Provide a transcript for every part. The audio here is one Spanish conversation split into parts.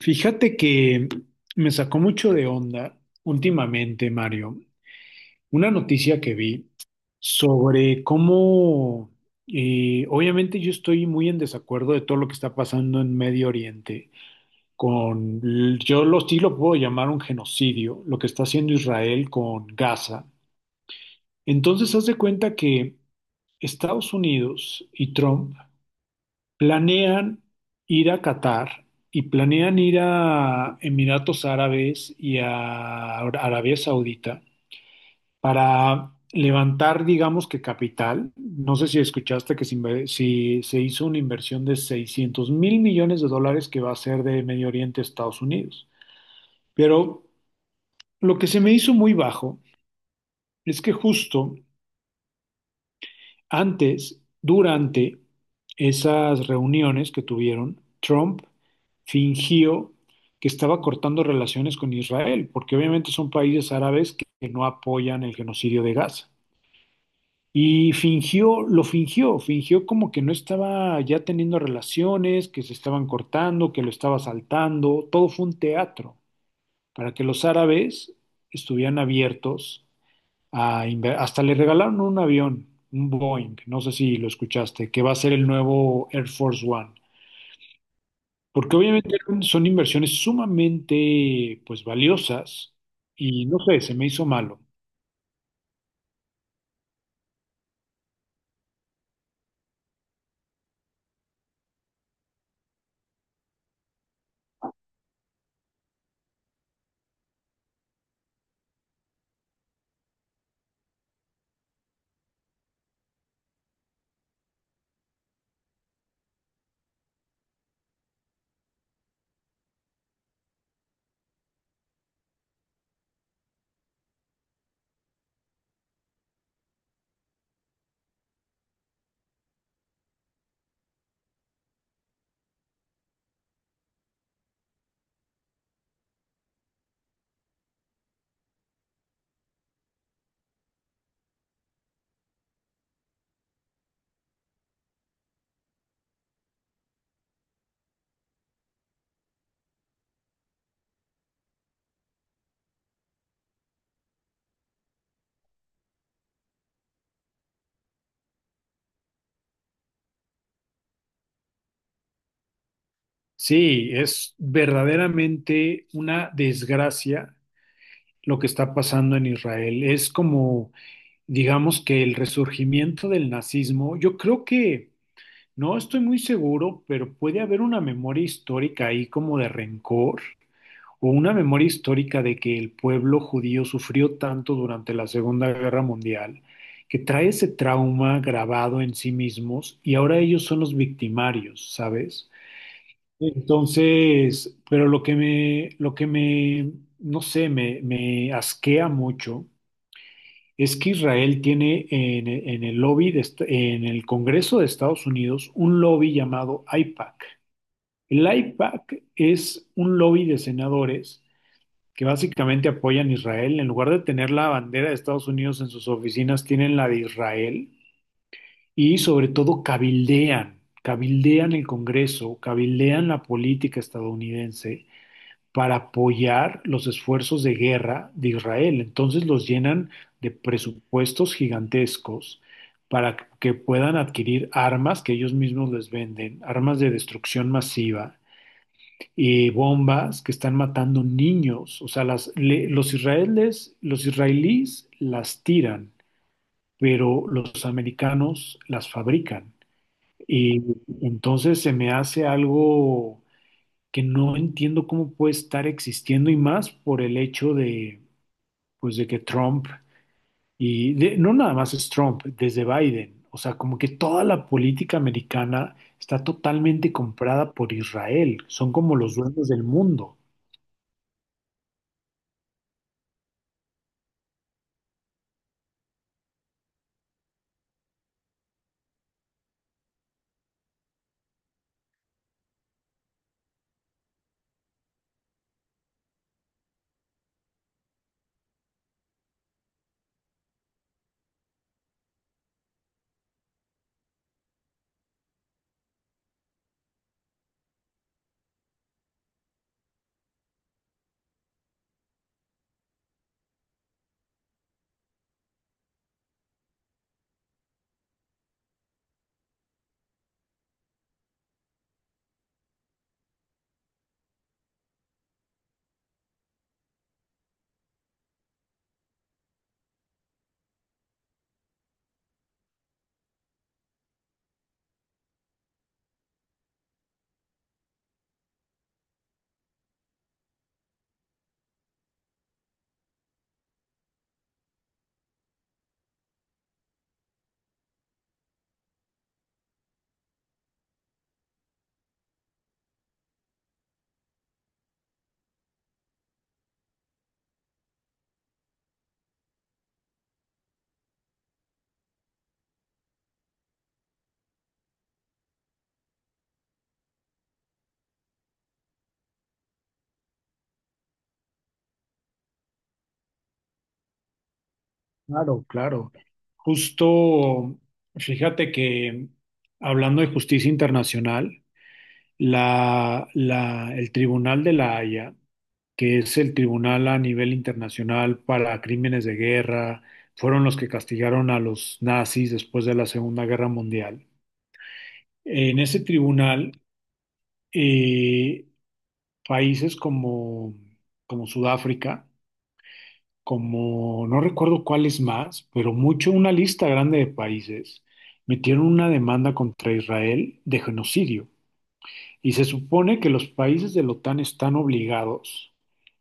Fíjate que me sacó mucho de onda últimamente, Mario, una noticia que vi sobre cómo, obviamente yo estoy muy en desacuerdo de todo lo que está pasando en Medio Oriente, con, sí lo puedo llamar un genocidio, lo que está haciendo Israel con Gaza. Entonces, haz de cuenta que Estados Unidos y Trump planean ir a Qatar y planean ir a Emiratos Árabes y a Arabia Saudita para levantar, digamos que capital. No sé si escuchaste que si se hizo una inversión de 600,000 millones de dólares que va a ser de Medio Oriente a Estados Unidos. Pero lo que se me hizo muy bajo es que justo antes, durante esas reuniones que tuvieron, Trump fingió que estaba cortando relaciones con Israel, porque obviamente son países árabes que no apoyan el genocidio de Gaza. Y fingió, lo fingió, fingió como que no estaba ya teniendo relaciones, que se estaban cortando, que lo estaba saltando, todo fue un teatro, para que los árabes estuvieran abiertos hasta le regalaron un avión, un Boeing, no sé si lo escuchaste, que va a ser el nuevo Air Force One, porque obviamente son inversiones sumamente pues valiosas y no sé, se me hizo malo. Sí, es verdaderamente una desgracia lo que está pasando en Israel. Es como, digamos que el resurgimiento del nazismo, yo creo que, no estoy muy seguro, pero puede haber una memoria histórica ahí como de rencor o una memoria histórica de que el pueblo judío sufrió tanto durante la Segunda Guerra Mundial, que trae ese trauma grabado en sí mismos y ahora ellos son los victimarios, ¿sabes? Entonces, pero no sé, me asquea mucho es que Israel tiene en el lobby, en el Congreso de Estados Unidos, un lobby llamado AIPAC. El AIPAC es un lobby de senadores que básicamente apoyan a Israel. En lugar de tener la bandera de Estados Unidos en sus oficinas, tienen la de Israel y sobre todo cabildean, cabildean el Congreso, cabildean la política estadounidense para apoyar los esfuerzos de guerra de Israel. Entonces los llenan de presupuestos gigantescos para que puedan adquirir armas que ellos mismos les venden, armas de destrucción masiva, bombas que están matando niños. O sea, los israelíes las tiran, pero los americanos las fabrican. Y entonces se me hace algo que no entiendo cómo puede estar existiendo y más por el hecho de, pues, de que Trump no nada más es Trump, desde Biden. O sea, como que toda la política americana está totalmente comprada por Israel. Son como los dueños del mundo. Claro, claro. Justo, fíjate que hablando de justicia internacional, el Tribunal de la Haya, que es el tribunal a nivel internacional para crímenes de guerra, fueron los que castigaron a los nazis después de la Segunda Guerra Mundial. En ese tribunal, eh, países como, como Sudáfrica, como no recuerdo cuáles más, pero mucho una lista grande de países metieron una demanda contra Israel de genocidio. Y se supone que los países de la OTAN están obligados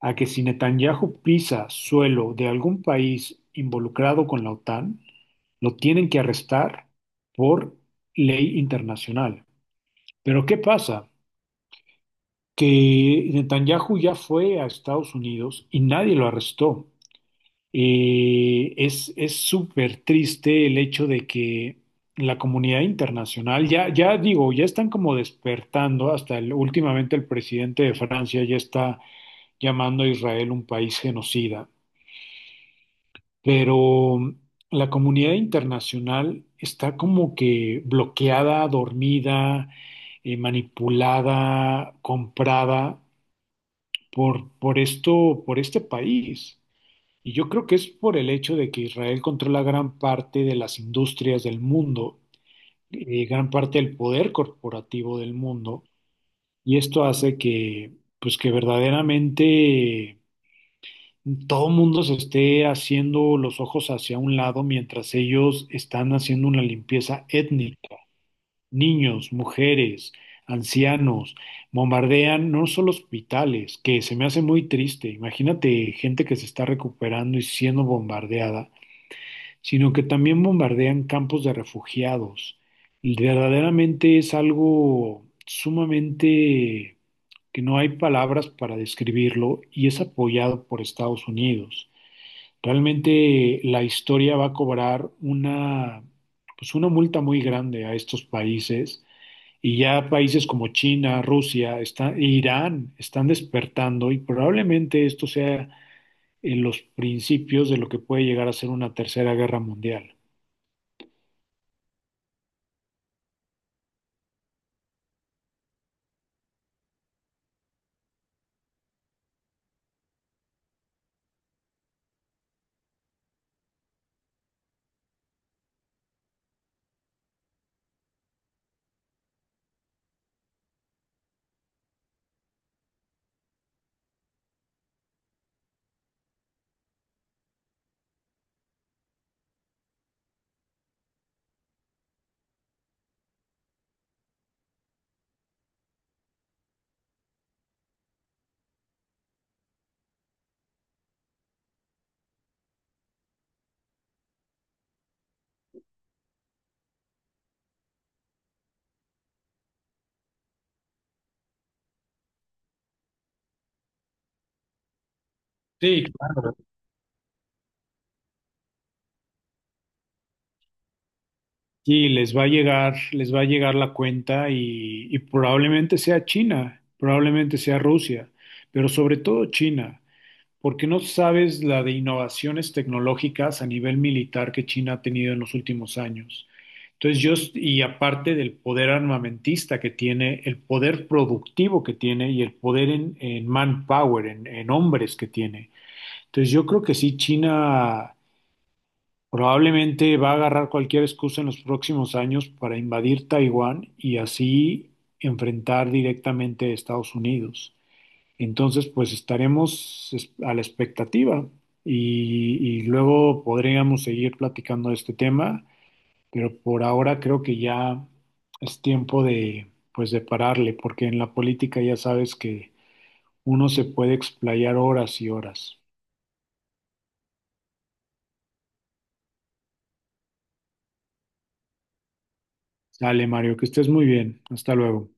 a que si Netanyahu pisa suelo de algún país involucrado con la OTAN, lo tienen que arrestar por ley internacional. Pero ¿qué pasa? Que Netanyahu ya fue a Estados Unidos y nadie lo arrestó. Es súper triste el hecho de que la comunidad internacional, ya, ya digo, ya están como despertando, hasta últimamente el presidente de Francia ya está llamando a Israel un país genocida, pero la comunidad internacional está como que bloqueada, dormida, manipulada, comprada por esto, por este país. Y yo creo que es por el hecho de que Israel controla gran parte de las industrias del mundo, gran parte del poder corporativo del mundo, y esto hace que, pues que verdaderamente todo mundo se esté haciendo los ojos hacia un lado mientras ellos están haciendo una limpieza étnica. Niños, mujeres, ancianos, bombardean no solo hospitales, que se me hace muy triste. Imagínate gente que se está recuperando y siendo bombardeada, sino que también bombardean campos de refugiados. Y verdaderamente es algo sumamente que no hay palabras para describirlo y es apoyado por Estados Unidos. Realmente la historia va a cobrar una, pues una multa muy grande a estos países y ya países como China, Rusia, e Irán están despertando y probablemente esto sea en los principios de lo que puede llegar a ser una tercera guerra mundial. Sí, claro. Sí, les va a llegar, les va a llegar la cuenta y probablemente sea China, probablemente sea Rusia, pero sobre todo China, porque no sabes la de innovaciones tecnológicas a nivel militar que China ha tenido en los últimos años. Y aparte del poder armamentista que tiene, el poder productivo que tiene y el poder en manpower, en hombres que tiene. Entonces yo creo que sí, China. Probablemente va a agarrar cualquier excusa en los próximos años para invadir Taiwán y así enfrentar directamente a Estados Unidos. Entonces, pues a la expectativa y luego podríamos seguir platicando de este tema, pero por ahora creo que ya es tiempo de, pues, de pararle, porque en la política ya sabes que uno se puede explayar horas y horas. Dale, Mario, que estés muy bien. Hasta luego.